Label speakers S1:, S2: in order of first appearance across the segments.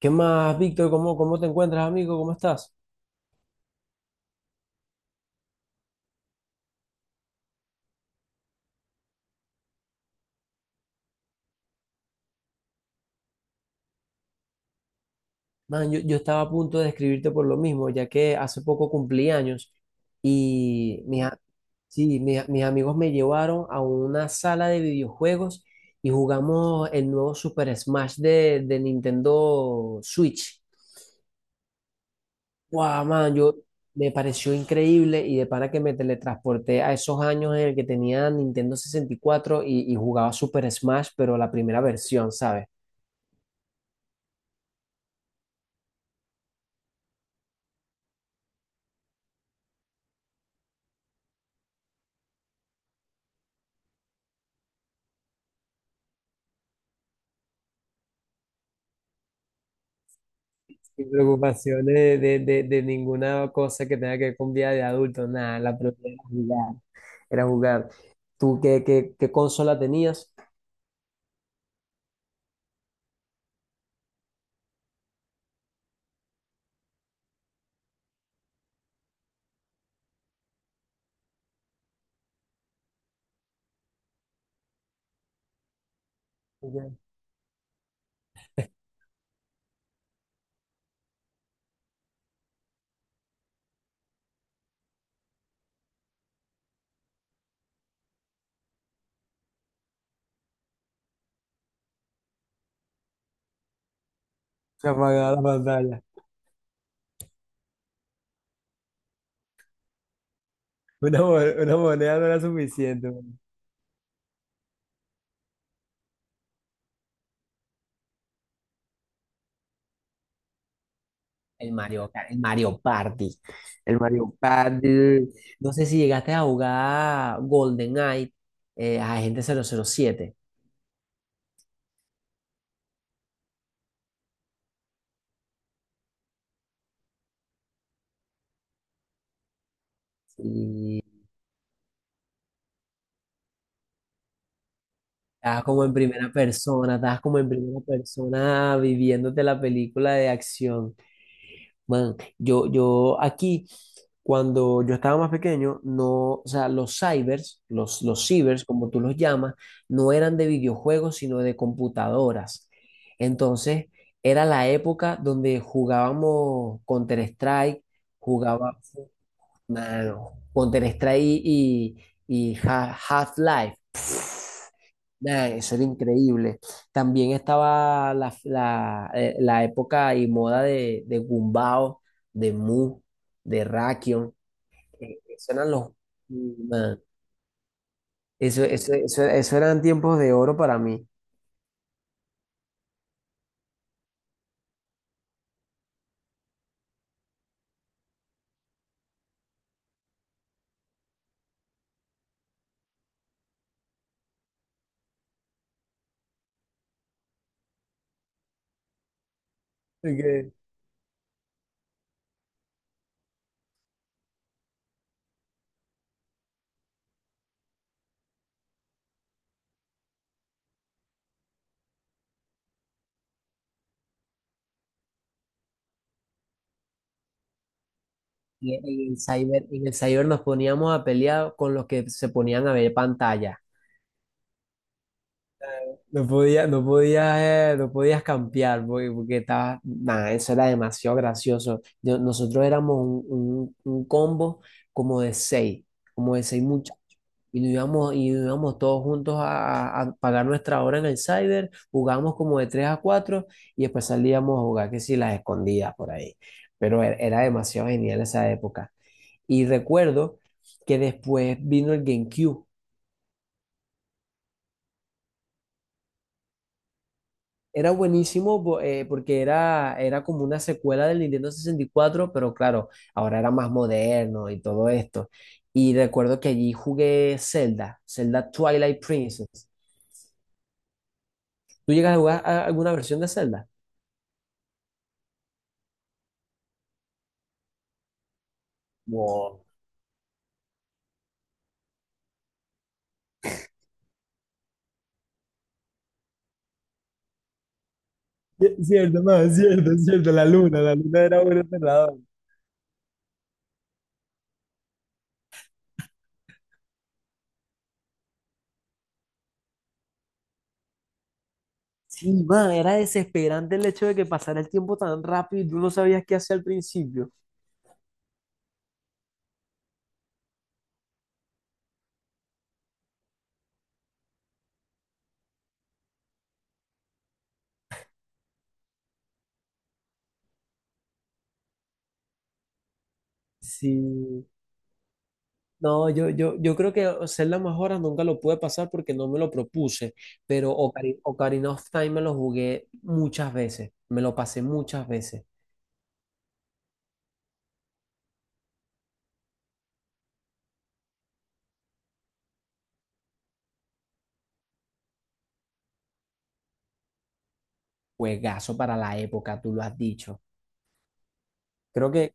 S1: ¿Qué más, Víctor? ¿Cómo te encuentras, amigo? ¿Cómo estás? Man, yo estaba a punto de escribirte por lo mismo, ya que hace poco cumplí años y sí, mis amigos me llevaron a una sala de videojuegos y jugamos el nuevo Super Smash de Nintendo Switch. Wow, man, yo me pareció increíble y de para que me teletransporté a esos años en el que tenía Nintendo 64 y, cuatro y jugaba Super Smash, pero la primera versión, ¿sabes? Sin preocupación de ninguna cosa que tenga que ver con vida de adulto, nada, la prioridad era jugar. Era jugar. ¿Tú qué consola tenías? Ya. Se apagaba la pantalla. Una, mo- una moneda no era suficiente, man. El el Mario Party. El Mario Party. No sé si llegaste a jugar GoldenEye, Agente 007. Y estabas como en primera persona, estabas como en primera persona viviéndote la película de acción. Man, yo aquí, cuando yo estaba más pequeño, no, o sea, los cybers, los cibers, como tú los llamas, no eran de videojuegos, sino de computadoras. Entonces, era la época donde jugábamos Counter-Strike y, y Half-Life. Nah, eso era increíble. También estaba la época y moda de Gumbao, de Mu, de Rakion. Eso eran los... man, eso eran tiempos de oro para mí. Ok. Y en el cyber, en el cyber nos poníamos a pelear con los que se ponían a ver pantalla. No podías no podías cambiar porque, porque estabas, nada, eso era demasiado gracioso. Nosotros éramos un combo como de seis, como de seis muchachos. Y nos íbamos todos juntos a, a pagar nuestra hora en el cyber, jugábamos como de tres a cuatro y después salíamos a jugar, que si las escondidas por ahí. Pero era, era demasiado genial esa época. Y recuerdo que después vino el GameCube. Era buenísimo, porque era, era como una secuela del Nintendo 64, pero claro, ahora era más moderno y todo esto. Y recuerdo que allí jugué Zelda, Zelda Twilight Princess. ¿Tú llegas a jugar alguna versión de Zelda? Wow. Es cierto, no, es cierto, es cierto. La luna era un entrenador. Sí, man, era desesperante el hecho de que pasara el tiempo tan rápido y tú no sabías qué hacer al principio. Sí. No, yo creo que ser las más horas nunca lo pude pasar porque no me lo propuse, pero Ocarina of Time me lo jugué muchas veces, me lo pasé muchas veces. Juegazo para la época, tú lo has dicho. Creo que,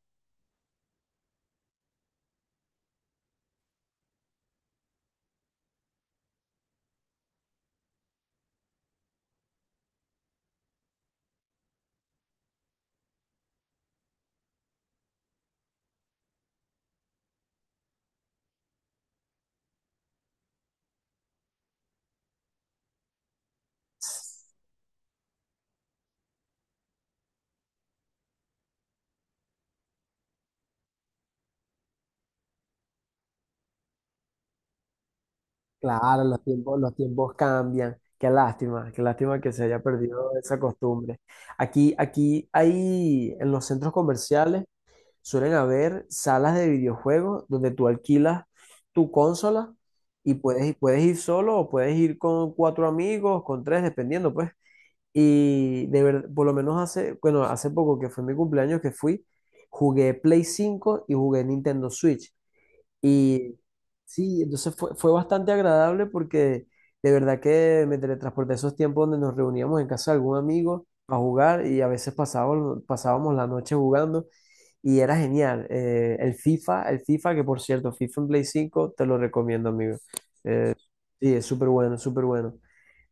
S1: claro, los tiempos cambian. Qué lástima que se haya perdido esa costumbre. Aquí, aquí hay en los centros comerciales suelen haber salas de videojuegos donde tú alquilas tu consola y puedes, puedes ir solo o puedes ir con cuatro amigos, con tres, dependiendo, pues. Y de verdad, por lo menos hace, bueno, hace poco que fue mi cumpleaños que fui, jugué Play 5 y jugué Nintendo Switch. Y sí, entonces fue, fue bastante agradable porque de verdad que me teletransporté a esos tiempos donde nos reuníamos en casa de algún amigo a jugar y a veces pasábamos, pasábamos la noche jugando y era genial. El FIFA, el FIFA, que por cierto, FIFA en Play 5 te lo recomiendo, amigo. Eh, sí, es súper bueno, súper bueno.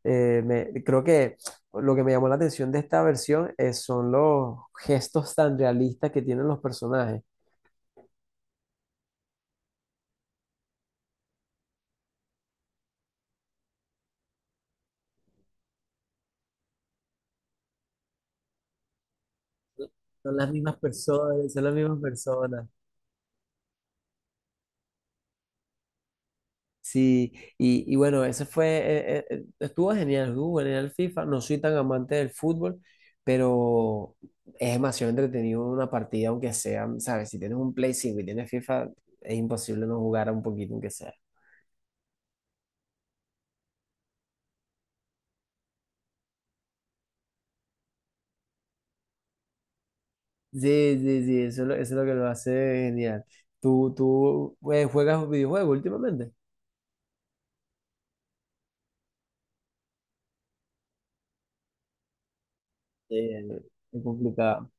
S1: Creo que lo que me llamó la atención de esta versión es, son los gestos tan realistas que tienen los personajes. Son las mismas personas, son las mismas personas. Sí, y bueno, ese fue, estuvo genial el FIFA, no soy tan amante del fútbol, pero es demasiado entretenido una partida, aunque sea, ¿sabes? Si tienes un Play 5 y tienes FIFA, es imposible no jugar un poquito, aunque sea. Sí, sí, sí, eso es lo que lo hace genial. ¿Tú juegas videojuegos últimamente? Sí, es complicado.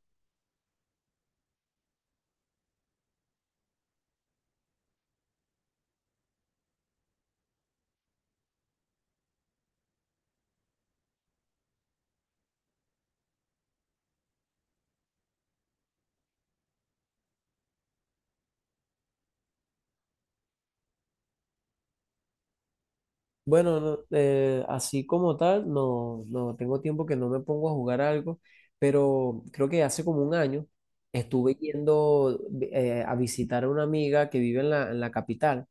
S1: Bueno, no, así como tal, no, no tengo tiempo que no me pongo a jugar algo, pero creo que hace como un año estuve yendo a visitar a una amiga que vive en en la capital,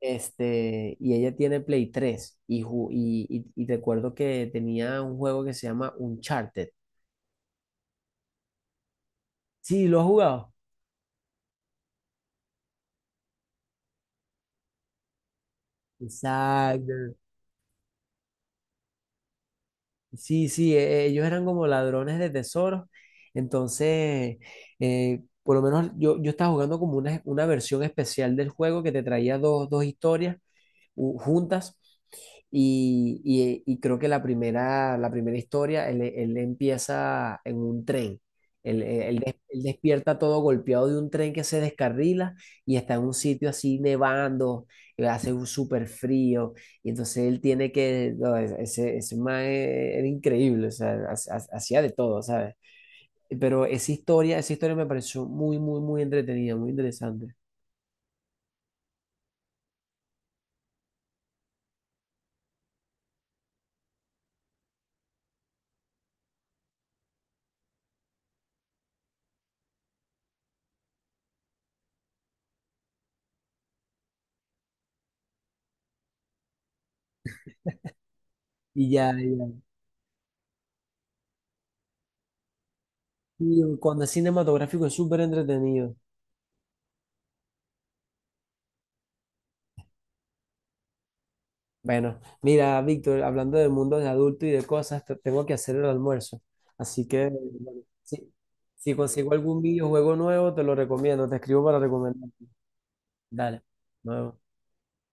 S1: este, y ella tiene Play 3 y, y recuerdo que tenía un juego que se llama Uncharted. Sí, ¿lo has jugado? Exacto. Sí, sí, ellos eran como ladrones de tesoros. Entonces, por lo menos yo, yo estaba jugando como una versión especial del juego que te traía dos, dos historias juntas. Y, y creo que la primera historia, él empieza en un tren. Él, él despierta todo golpeado de un tren que se descarrila y está en un sitio así nevando, y hace un súper frío. Y entonces él tiene que, no, ese man e, era increíble, o sea, hacía de todo, ¿sabes? Pero esa historia me pareció muy, muy, muy entretenida, muy interesante. Y ya, ya. Y cuando es cinematográfico es súper entretenido. Bueno, mira, Víctor, hablando del mundo de adulto y de cosas, tengo que hacer el almuerzo. Así que, bueno, si, si consigo algún videojuego nuevo, te lo recomiendo, te escribo para recomendar. Dale, nuevo.